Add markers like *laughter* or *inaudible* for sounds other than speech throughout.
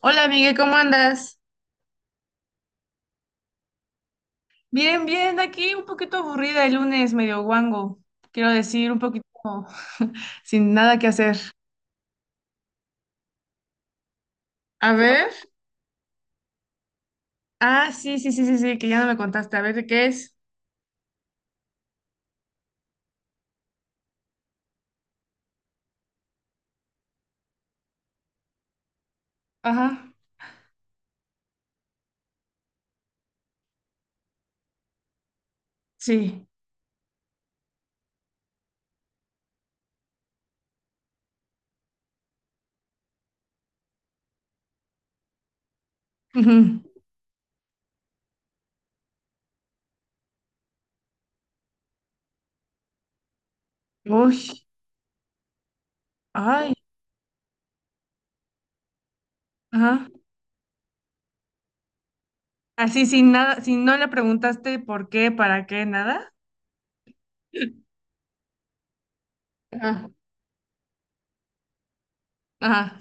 Hola Miguel, ¿cómo andas? Bien, bien, aquí un poquito aburrida el lunes, medio guango. Quiero decir, un poquito *laughs* sin nada que hacer. A ver. Ah, sí, sí, sí, sí, sí, que ya no me contaste. A ver, ¿de qué es? Ajá, sí. *laughs* Ujú. Uy, ay, ajá. Así sin nada, si no le preguntaste por qué, para qué, nada. *laughs* Ajá, ajá.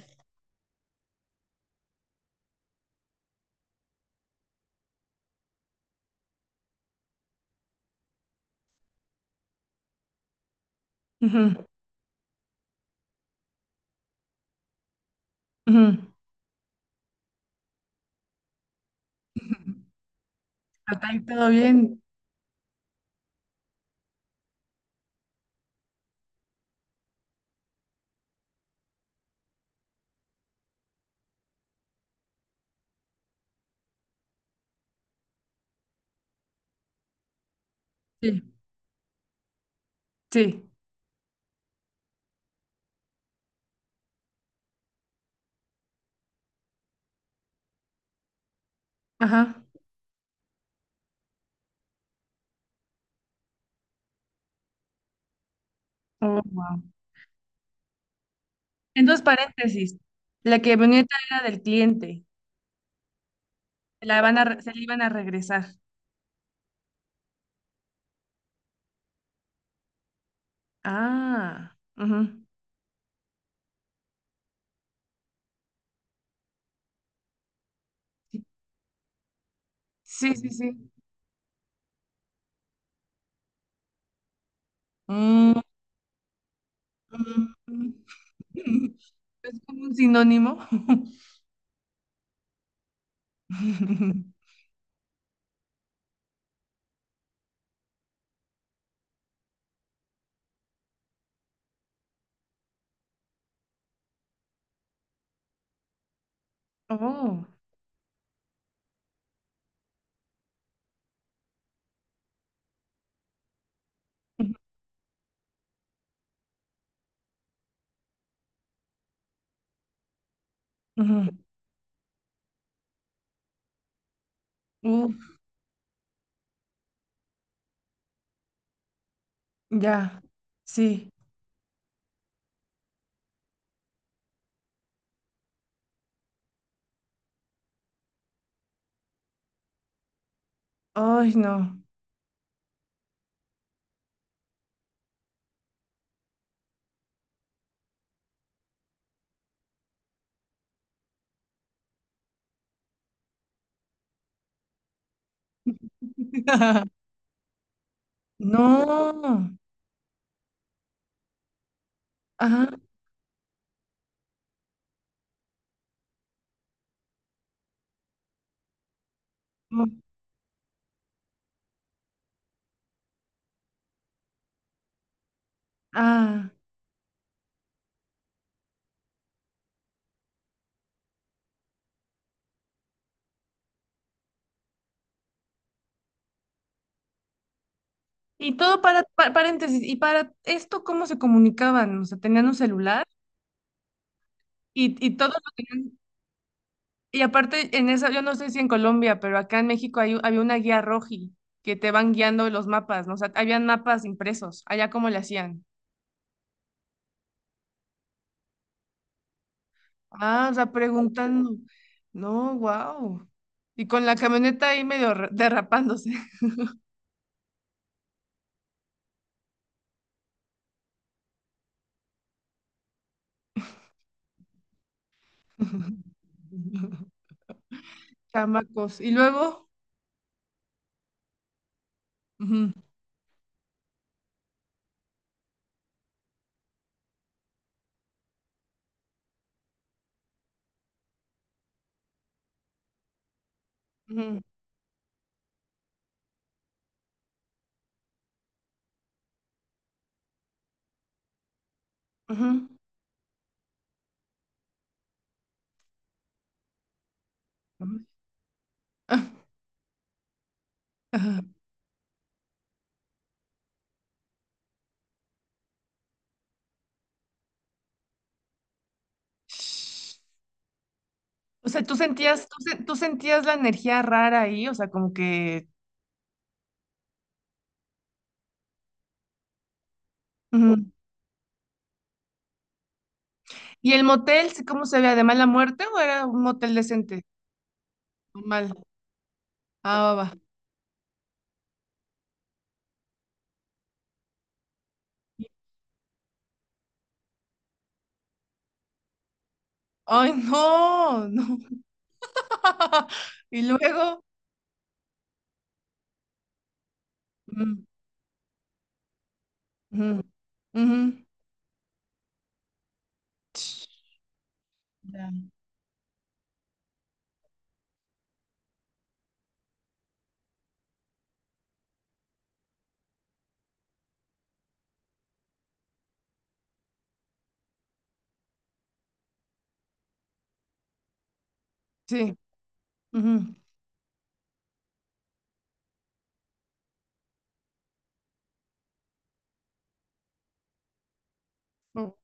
Ujú, ujú. Hasta ahí todo bien. Sí, sí, ajá. Oh, wow. En dos paréntesis, la camioneta era del cliente, se la iban a regresar. Ah, ujú. Sí, sí, sí. Mm, mm, mm. *laughs* Es como un sinónimo. *laughs* Oh, ujú. Uf, ya, sí. Ay, no. *laughs* No. Ajá. No. Ah. Y todo para, paréntesis. ¿Y para esto cómo se comunicaban? O sea, ¿tenían un celular? Y, y todo lo tenían- y aparte en esa, yo no sé si en Colombia, pero acá en México hay, había una guía roji que te van guiando los mapas, ¿no? O sea, habían mapas impresos, allá cómo le hacían. Ah, o sea, preguntando. No, wow. Y con la camioneta ahí medio derrapándose. *laughs* Chamacos. Y luego. Ujú, ujú, ujú, ujú. Ah, ajá. Shh. O sea, tú sentías, tú sentías la energía rara ahí, o sea, como que. Ujú. ¿Y el motel, sí, cómo se ve? ¿De mala muerte o era un motel decente? Normal. Ah, va, va. Ay, no, no. *laughs* Y luego. Mm, ujú, ujú, ch, ya, sí. Ujú, u-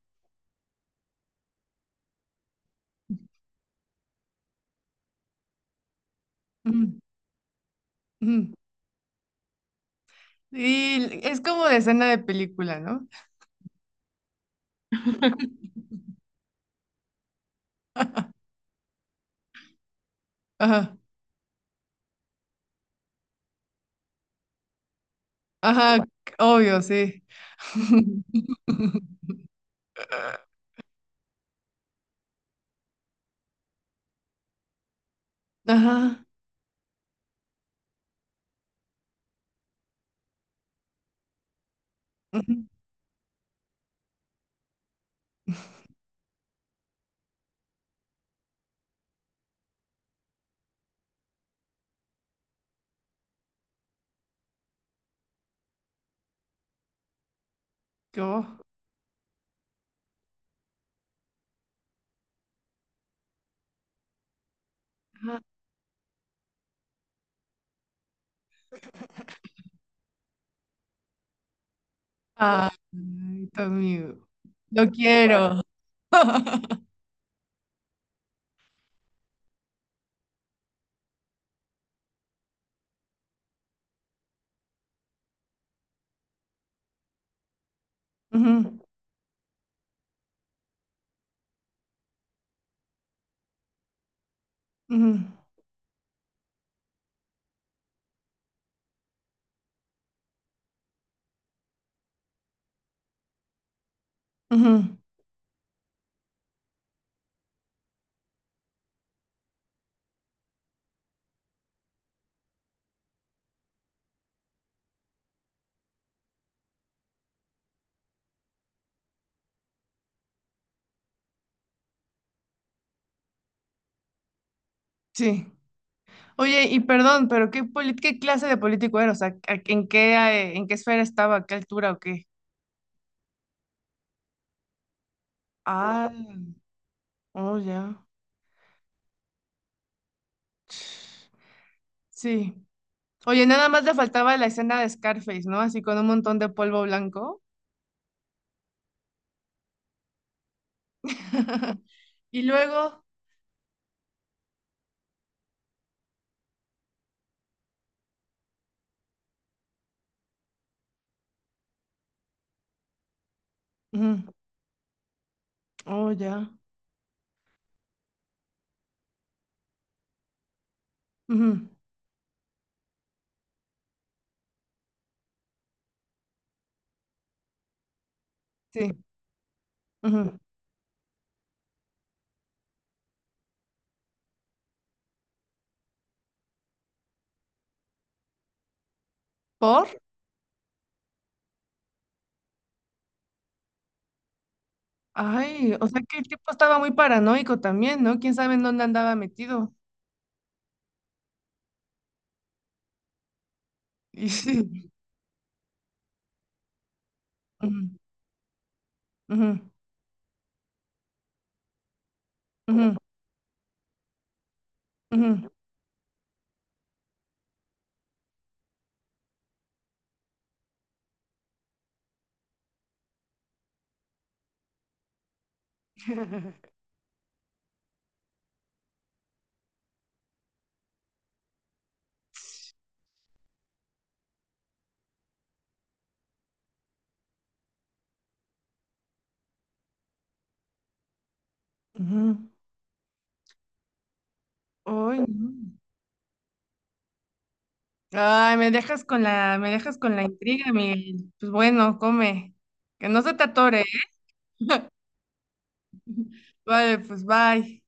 ujú, ujú. Y es como de escena de película, ¿no? *laughs* Ajá, ajá, obvio, sí. *laughs* Ajá. Ujú, yo, ajá. Ay, tu amigo. Lo quiero. *laughs* Ujú. Ujú, ujú, sí. Oye, y perdón, pero ¿qué, qué clase de político era? O sea, en qué esfera estaba? ¿A qué altura o qué? Ah, oh, ya. Sí. Oye, nada más le faltaba la escena de Scarface, ¿no? Así con un montón de polvo blanco. *laughs* Y luego... Ujú, oh, ya. Ujú, sí. Ujú. ¿Por? Ay, o sea que el tipo estaba muy paranoico también, ¿no? ¿Quién sabe en dónde andaba metido? Y sí. *laughs* Ujú, ujú, ujú. Ujú, ujú. Ay, no. Ay, me dejas con la intriga, Miguel. Pues bueno, come. Que no se te atore, ¿eh? *laughs* Vale, pues bye.